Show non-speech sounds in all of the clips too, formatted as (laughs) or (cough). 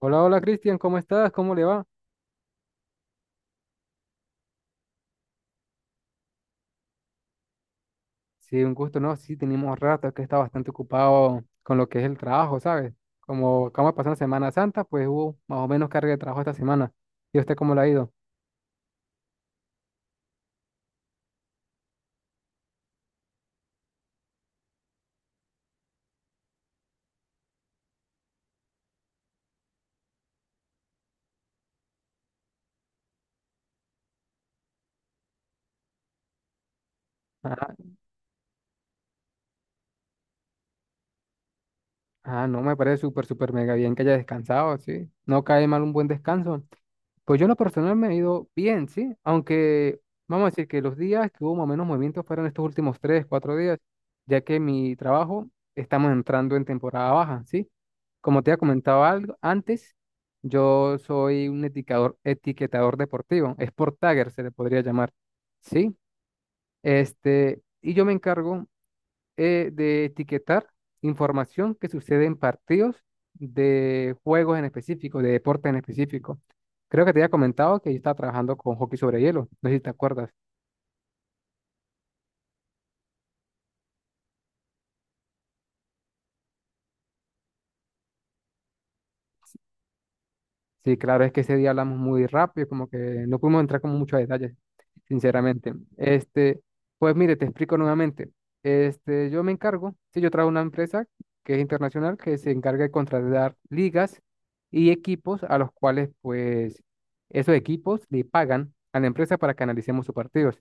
Hola, hola Cristian, ¿cómo estás? ¿Cómo le va? Sí, un gusto, ¿no? Sí, tenemos rato que está bastante ocupado con lo que es el trabajo, ¿sabes? Como acaba de pasar una Semana Santa, pues hubo más o menos carga de trabajo esta semana. ¿Y usted cómo le ha ido? Ah, ah, no, me parece súper, súper mega bien que haya descansado, sí. No cae mal un buen descanso. Pues yo en lo personal me he ido bien, ¿sí? Aunque vamos a decir que los días que hubo más o menos movimientos fueron estos últimos tres, cuatro días, ya que mi trabajo estamos entrando en temporada baja, ¿sí? Como te había comentado algo antes, yo soy un etiquetador, etiquetador deportivo, sport tagger se le podría llamar, ¿sí? Y yo me encargo de etiquetar información que sucede en partidos de juegos en específico, de deportes en especíco. Creo que te había comentado que yo estaba trabajando con hockey sobre hielo, no sé si te acuerdas. Sí, claro, es que ese día hablamos muy rápido, como que no pudimos entrar con muchos detalles, sinceramente. Pues mire, te explico nuevamente. Yo me encargo, sí, yo trabajo en una empresa que es internacional, que se encarga de contratar ligas y equipos a los cuales, pues, esos equipos le pagan a la empresa para que analicemos sus partidos.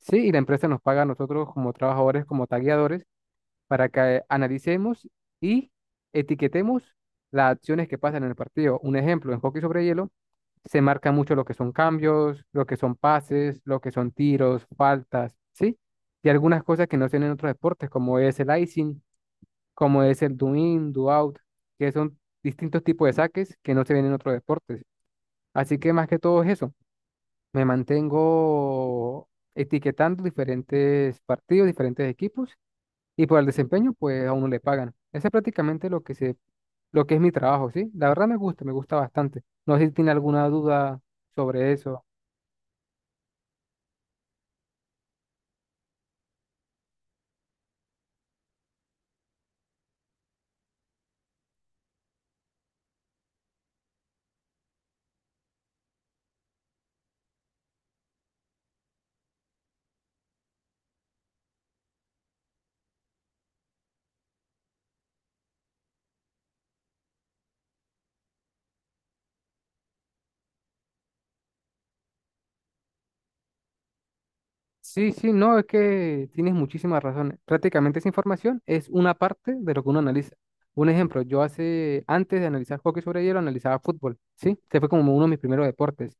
Sí, y la empresa nos paga a nosotros como trabajadores, como tagueadores para que analicemos y etiquetemos las acciones que pasan en el partido. Un ejemplo, en hockey sobre hielo se marca mucho lo que son cambios, lo que son pases, lo que son tiros, faltas, ¿sí? Y algunas cosas que no se ven en otros deportes, como es el icing, como es el do in, do out, que son distintos tipos de saques que no se ven en otros deportes. Así que más que todo es eso, me mantengo etiquetando diferentes partidos, diferentes equipos y por el desempeño, pues a uno le pagan. Ese es prácticamente lo que se, lo que es mi trabajo, ¿sí? La verdad me gusta bastante. No sé si tiene alguna duda sobre eso. Sí, sí, no, es que tienes muchísimas razones. Prácticamente esa información es una parte de lo que uno analiza. Un ejemplo, yo hace, antes de analizar hockey sobre hielo, analizaba fútbol, ¿sí? Este fue como uno de mis primeros deportes.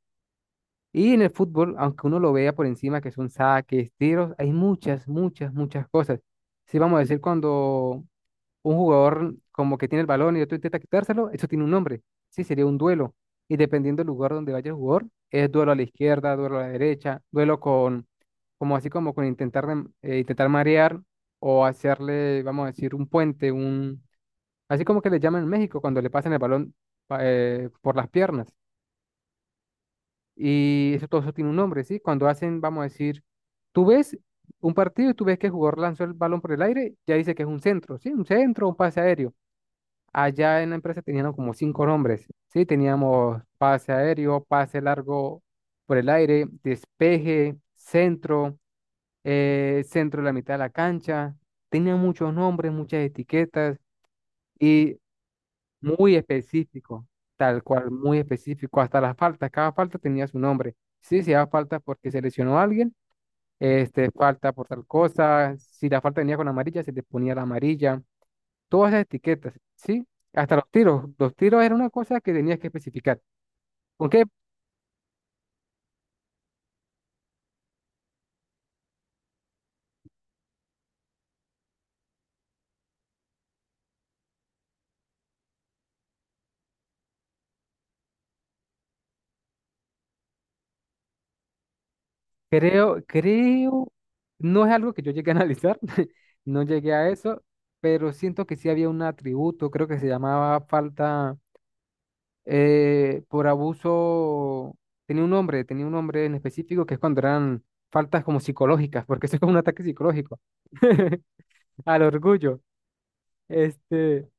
Y en el fútbol, aunque uno lo vea por encima, que son saques, tiros, hay muchas, muchas, muchas cosas. Sí, vamos a decir, cuando un jugador como que tiene el balón y otro intenta quitárselo, eso tiene un nombre. Sí, sería un duelo. Y dependiendo del lugar donde vaya el jugador, es duelo a la izquierda, duelo a la derecha, duelo con, como así como con intentar, intentar marear o hacerle, vamos a decir, un puente, un, así como que le llaman en México cuando le pasan el balón por las piernas. Y eso todo eso tiene un nombre, ¿sí? Cuando hacen, vamos a decir, tú ves un partido y tú ves que el jugador lanzó el balón por el aire, ya dice que es un centro, ¿sí? Un centro, un pase aéreo. Allá en la empresa teníamos como cinco nombres, ¿sí? Teníamos pase aéreo, pase largo por el aire, despeje, centro, centro de la mitad de la cancha. Tenía muchos nombres, muchas etiquetas y muy específico, tal cual, muy específico. Hasta las faltas, cada falta tenía su nombre. Sí, si era falta porque se lesionó a alguien, falta por tal cosa. Si la falta venía con amarilla, se le ponía la amarilla, todas las etiquetas, ¿sí? Hasta los tiros. Los tiros era una cosa que tenías que especificar. Aunque creo, creo, no es algo que yo llegué a analizar, (laughs) no llegué a eso, pero siento que sí había un atributo, creo que se llamaba falta por abuso, tenía un nombre en específico que es cuando eran faltas como psicológicas, porque eso es como un ataque psicológico (laughs) al orgullo. Este,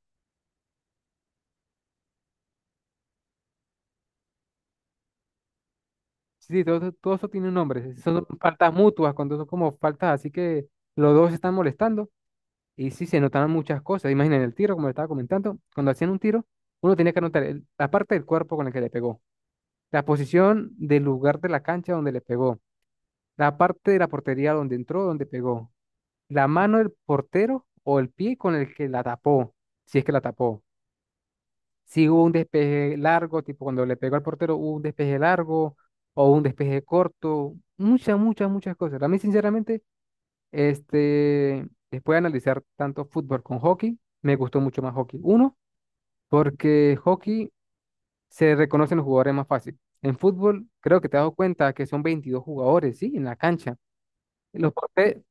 Sí, todo, todo eso tiene un nombre. Sí, son faltas mutuas, cuando son como faltas, así que los dos se están molestando y sí se notaban muchas cosas. Imaginen el tiro, como le estaba comentando, cuando hacían un tiro, uno tenía que anotar el- la parte del cuerpo con la que le pegó, la posición del lugar de la cancha donde le pegó, la parte de la portería donde entró, donde pegó, la mano del portero o el pie con el que la tapó, si es que la tapó, si hubo un despeje largo, tipo cuando le pegó al portero, hubo un despeje largo o un despeje corto, muchas, muchas, muchas cosas. A mí, sinceramente, después de analizar tanto fútbol con hockey, me gustó mucho más hockey. Uno, porque hockey se reconocen los jugadores más fácil. En fútbol, creo que te has dado cuenta que son 22 jugadores, ¿sí? En la cancha. Los porte-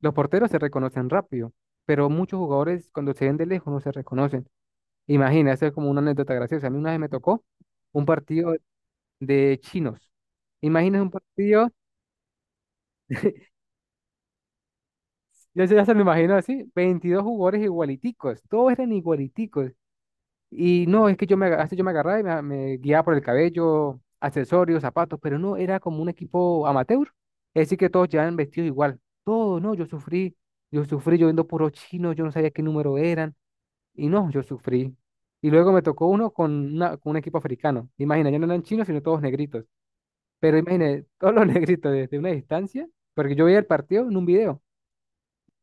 los porteros se reconocen rápido, pero muchos jugadores cuando se ven de lejos no se reconocen. Imagina, esto es como una anécdota graciosa. A mí una vez me tocó un partido de chinos. Imagina un partido, yo ya se lo imagino así, 22 jugadores igualiticos, todos eran igualiticos. Y no, es que hasta yo me agarraba y me guiaba por el cabello, accesorios, zapatos, pero no, era como un equipo amateur. Es decir, que todos llevaban vestidos igual. Todos, no, yo sufrí, yo sufrí, yo viendo puros chinos, yo no sabía qué número eran. Y no, yo sufrí. Y luego me tocó uno con un equipo africano. Imagina, ya no eran chinos, sino todos negritos. Pero imagínate, todos los (laughs) negritos desde una distancia, porque yo veía el partido en un video,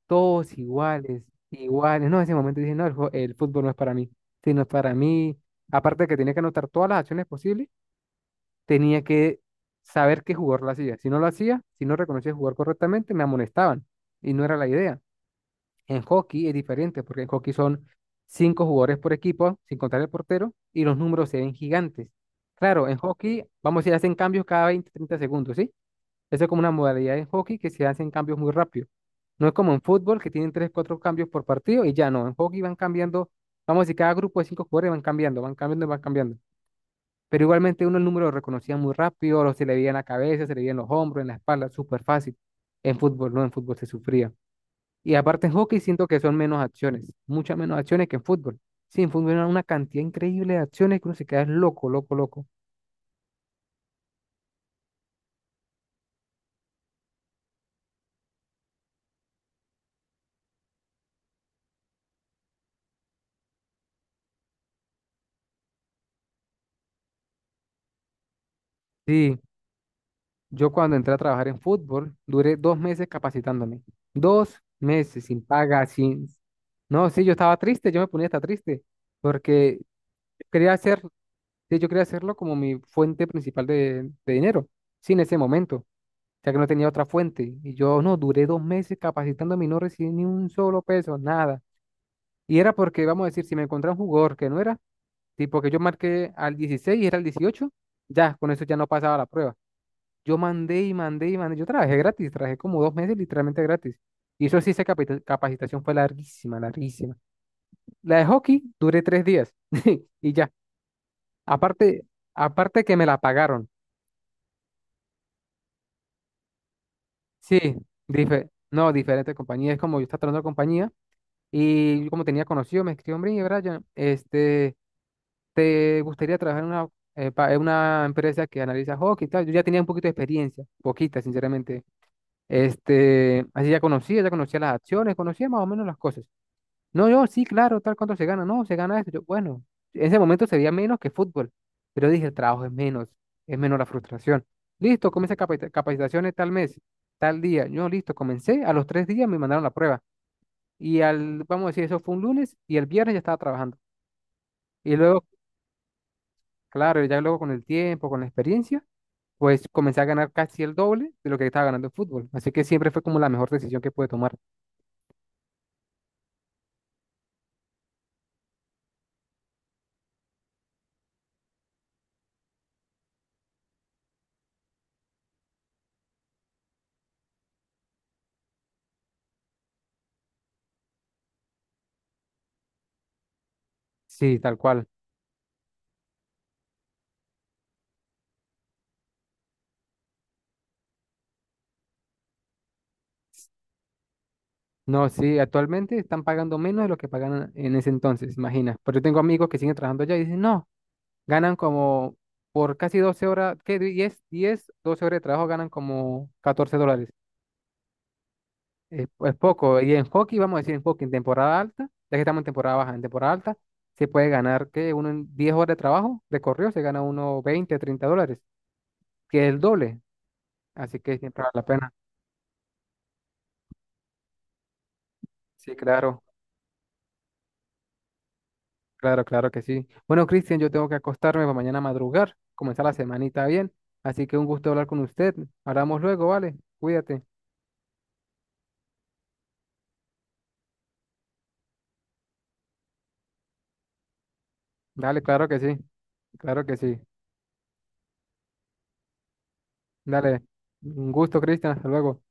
todos iguales, iguales. No, en ese momento dije, no, el fútbol no es para mí, sino es para mí. Aparte de que tenía que anotar todas las acciones posibles, tenía que saber qué jugador lo hacía. Si no lo hacía, si no reconocía jugar correctamente, me amonestaban. Y no era la idea. En hockey es diferente, porque en hockey son 5 jugadores por equipo, sin contar el portero, y los números se ven gigantes. Claro, en hockey, vamos a ir, hacen cambios cada 20-30 segundos, ¿sí? Eso es como una modalidad en hockey que se hacen cambios muy rápido. No es como en fútbol que tienen tres, cuatro cambios por partido y ya no. En hockey van cambiando, vamos a decir, cada grupo de 5 jugadores van cambiando, y van cambiando. Pero igualmente uno el número lo reconocía muy rápido, lo se le veía en la cabeza, se le veía en los hombros, en la espalda, súper fácil. En fútbol no, en fútbol se sufría. Y aparte en hockey siento que son menos acciones, muchas menos acciones que en fútbol. Sí, en fútbol era una cantidad increíble de acciones que uno se queda es loco, loco, loco. Sí. Yo cuando entré a trabajar en fútbol, duré 2 meses capacitándome. 2 meses sin. Paga, sin... No, sí, yo estaba triste, yo me ponía hasta triste, porque quería hacer, sí, yo quería hacerlo como mi fuente principal de dinero, sí, en ese momento, ya que no tenía otra fuente. Y yo no, duré 2 meses capacitándome y no recibí ni un solo peso, nada. Y era porque, vamos a decir, si me encontraba un jugador que no era, tipo que yo marqué al 16 y era el 18, ya, con eso ya no pasaba la prueba. Yo mandé y mandé y mandé. Yo trabajé gratis, trabajé como 2 meses literalmente gratis. Y eso sí, esa capacitación fue larguísima, larguísima. La de hockey duré 3 días (laughs) y ya. Aparte, aparte que me la pagaron. Sí, no, diferente compañía. Es como yo estaba trabajando en compañía y yo como tenía conocido, me escribió, hombre, Brian, ¿te gustaría trabajar en una empresa que analiza hockey y tal? Yo ya tenía un poquito de experiencia, poquita, sinceramente. Así ya conocía las acciones, conocía más o menos las cosas. No, yo, sí, claro, tal cuánto se gana, no, se gana esto. Yo, bueno, en ese momento se veía menos que fútbol, pero dije, el trabajo es menos la frustración. Listo, comencé capacitaciones tal mes, tal día. Yo, listo, comencé, a los 3 días me mandaron la prueba. Y al, vamos a decir, eso fue un lunes y el viernes ya estaba trabajando. Y luego, claro, ya luego con el tiempo, con la experiencia, pues comencé a ganar casi el doble de lo que estaba ganando en fútbol. Así que siempre fue como la mejor decisión que pude tomar. Sí, tal cual. No, sí, actualmente están pagando menos de lo que pagaban en ese entonces, imagina. Pero yo tengo amigos que siguen trabajando allá y dicen, no, ganan como por casi 12 horas, ¿qué? 10 10 12 horas de trabajo ganan como $14. Es poco. Y en hockey, vamos a decir, en hockey, en temporada alta, ya que estamos en temporada baja, en temporada alta, se puede ganar, que uno en 10 horas de trabajo, de correo, se gana uno $20-30, que es el doble. Así que siempre vale la pena. Sí, claro. Claro, claro que sí. Bueno, Cristian, yo tengo que acostarme para mañana madrugar, comenzar la semanita bien. Así que un gusto hablar con usted. Hablamos luego, ¿vale? Cuídate. Dale, claro que sí. Claro que sí. Dale. Un gusto, Cristian. Hasta luego.